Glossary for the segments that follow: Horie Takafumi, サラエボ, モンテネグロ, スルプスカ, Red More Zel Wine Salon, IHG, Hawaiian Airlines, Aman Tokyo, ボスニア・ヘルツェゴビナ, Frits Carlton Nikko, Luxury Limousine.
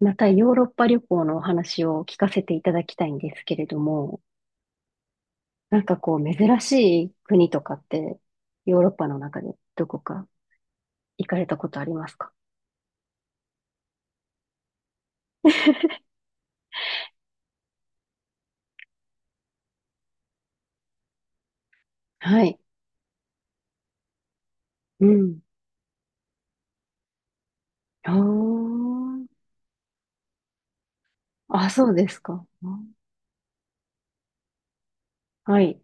またヨーロッパ旅行のお話を聞かせていただきたいんですけれども、なんかこう珍しい国とかってヨーロッパの中でどこか行かれたことありますか？はい。うん。あー。あ、そうですか。はい。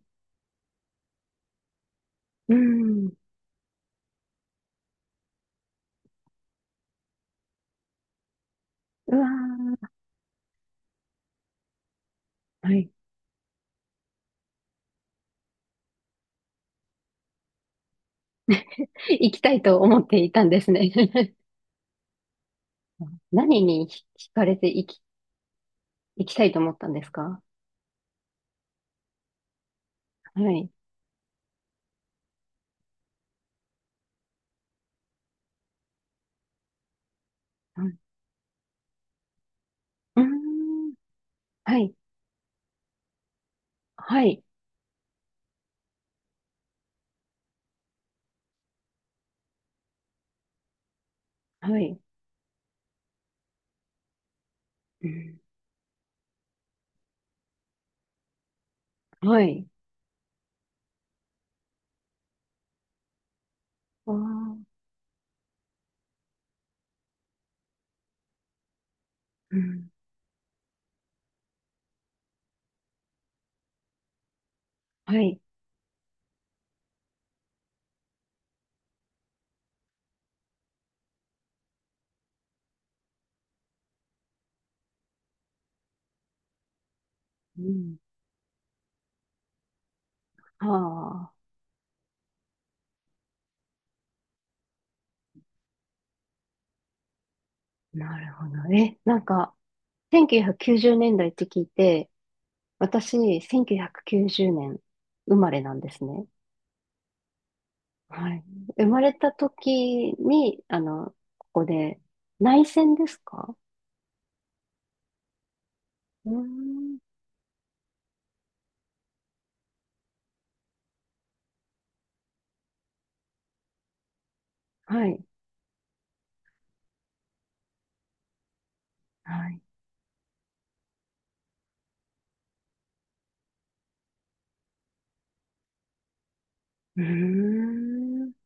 うん。うわー。はい。行きたいと思っていたんですね。 何に惹かれて行き、行きたいと思ったんですか？はい。うん。うーん。はい。はい。はい。うん。はい。ああ。うん。はい。うん。はあ、なるほど。ね、なんか、1990年代って聞いて、私、1990年生まれなんですね。はい。生まれた時に、ここで、内戦ですか？うーん。はい。はい。うーん。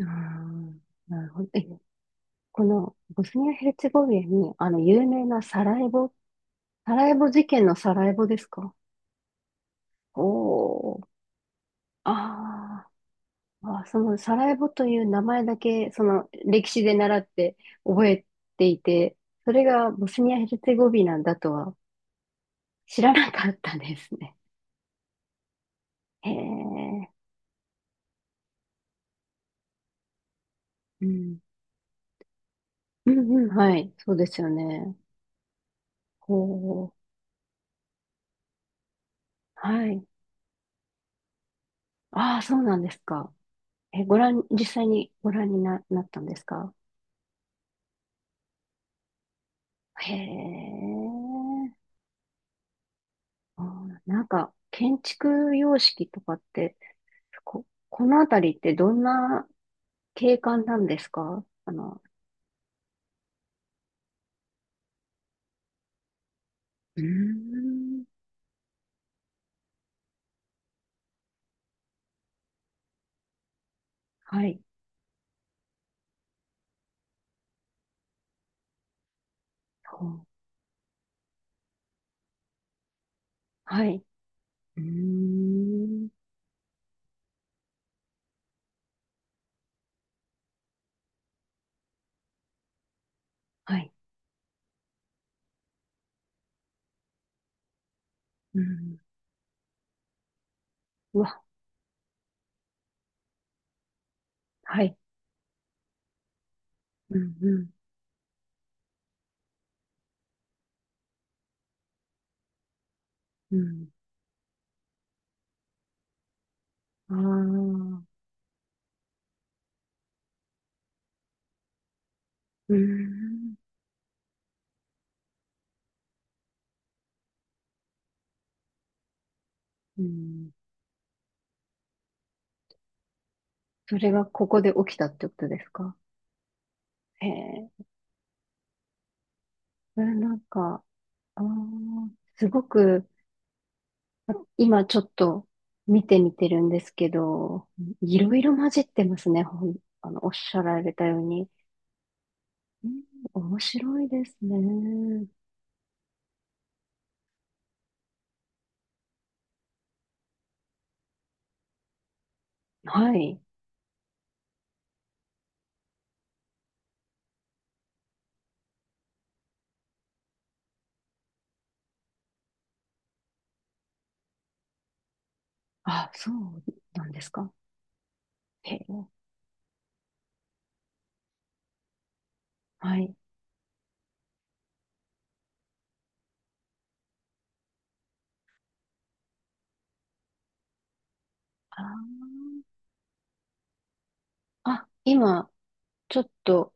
あー、なるほど。え、このボスニア・ヘルツェゴビナに、有名なサラエボ事件のサラエボですか？おー。あー。あ、そのサラエボという名前だけ、その歴史で習って覚えていて、それがボスニア・ヘルツェゴビナだとは知らなかったですね。へえ。うん。うんうん、はい。そうですよね。ほう。はい。ああ、そうなんですか。え、実際にご覧になったんですか？へえ。あー、なんか、建築様式とかって、このあたりってどんな景観なんですか？うーん。はい。そう。はい。うーん。はい。うん。うわ。はい。うん。うん。うん。ああ。うーん。うん。それがここで起きたってことですか？へえ。うん。なんか、ああ、すごく、今ちょっと見てみてるんですけど、いろいろ混じってますね、ほん、おっしゃられたように。うん。面白いですね。はい。あ、そうなんですか。へえ。はい。あー、あ、今、ちょっと、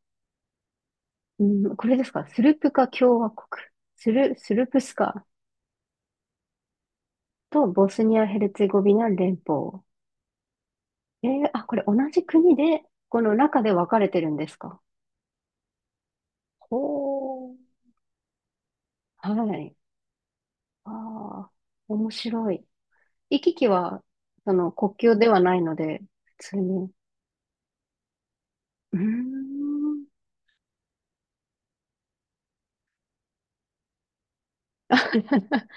うん、これですか。スルプカ共和国。スルプスカとボスニア・ヘルツェゴビナ連邦。あ、これ同じ国で、この中で分かれてるんですか？ほー。はい。ああ、面白い。行き来は、国境ではないので、普通に。うーん。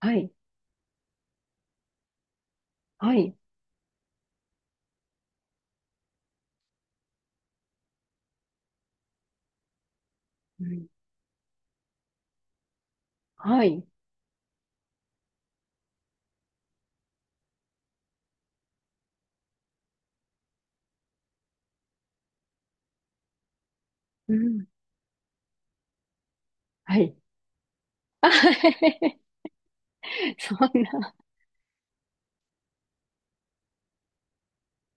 はい。はい。うん。はい。うん。はい。あ。 そんな。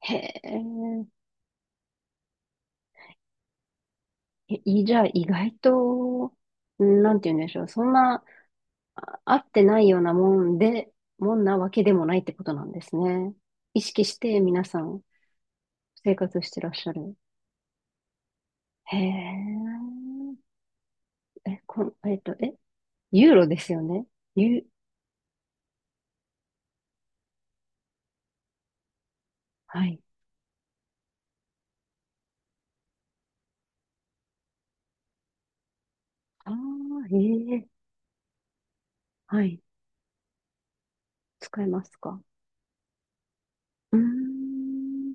へえ。え、いじゃあ、意外と、なんて言うんでしょう。そんな、あ、合ってないようなもんで、もんなわけでもないってことなんですね。意識して皆さん生活してらっしゃる。へえ。え、こん、ユーロですよね？ユ、はい。ああ、ええ。はい。使えますか？うーん。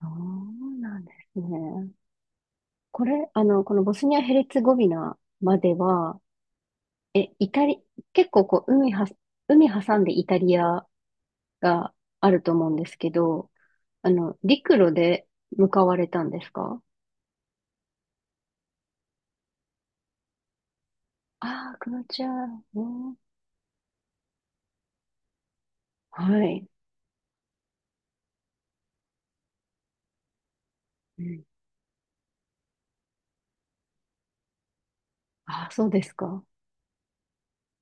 そうなんですね。これ、このボスニア・ヘルツェゴビナまでは、え、イタリ、結構こう、海挟んでイタリアがあると思うんですけど、陸路で向かわれたんですか？ああー、クロアチア、うん。はい。うん、ああ、そうですか。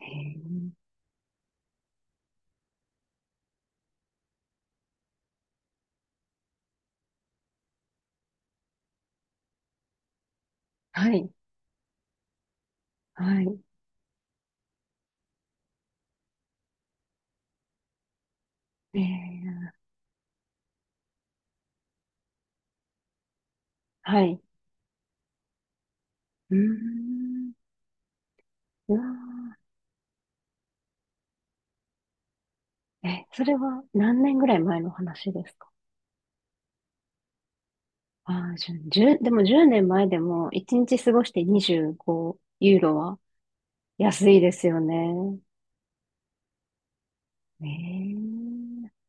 へえ。はい。はい。ええ。はい。うーん。うわー。え、それは何年ぐらい前の話ですか？ああ、じゅじゅでも10年前でも1日過ごして25ユーロは安いですよね。ねえ。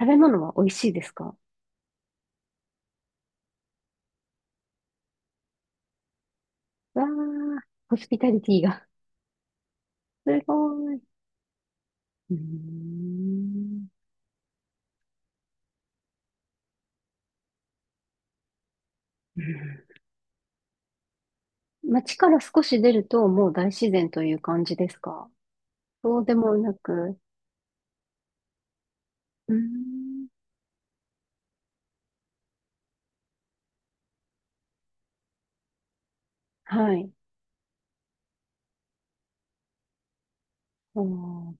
食べ物は美味しいですか？わあ、ホスピタリティが。すごい。うーん。うん。街から少し出るともう大自然という感じですか？そうでもなく。うーん。はい。おー。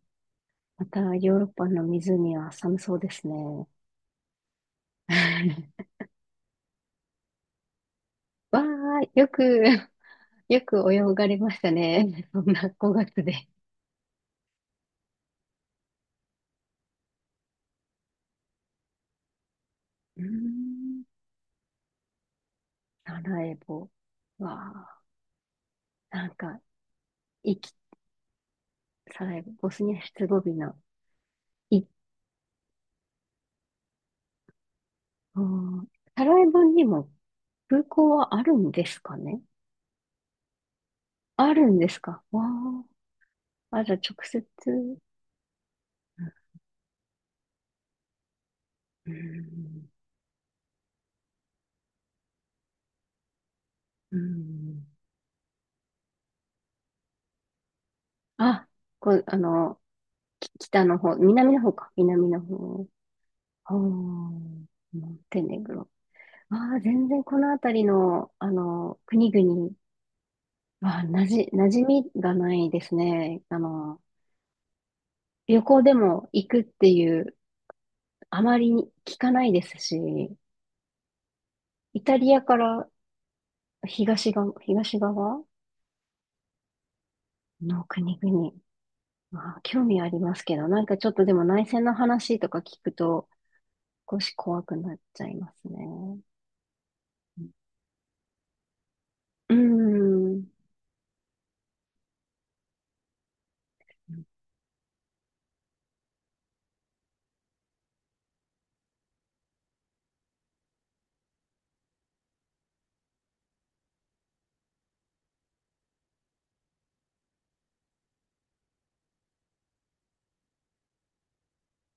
またヨーロッパの湖は寒そうですね。わあ、よく。よく泳がれましたね。そんな5月で。うーん。サラエボは、なんか、いき、サラエボ、ボスニア・ヘルツェゴビナ、い、うん、サラエボにも空港はあるんですかね？あるんですか？わあ、あ、じゃあ直接、うん。うん。あ、こう、北の方、南の方か、南の方、あー、モンテネグロ。ああ、全然この辺りの、国々は、馴染みがないですね。旅行でも行くっていう、あまり聞かないですし、イタリアから東側の国々、まあ、興味ありますけど、なんかちょっとでも内戦の話とか聞くと、少し怖くなっちゃいますね。うん。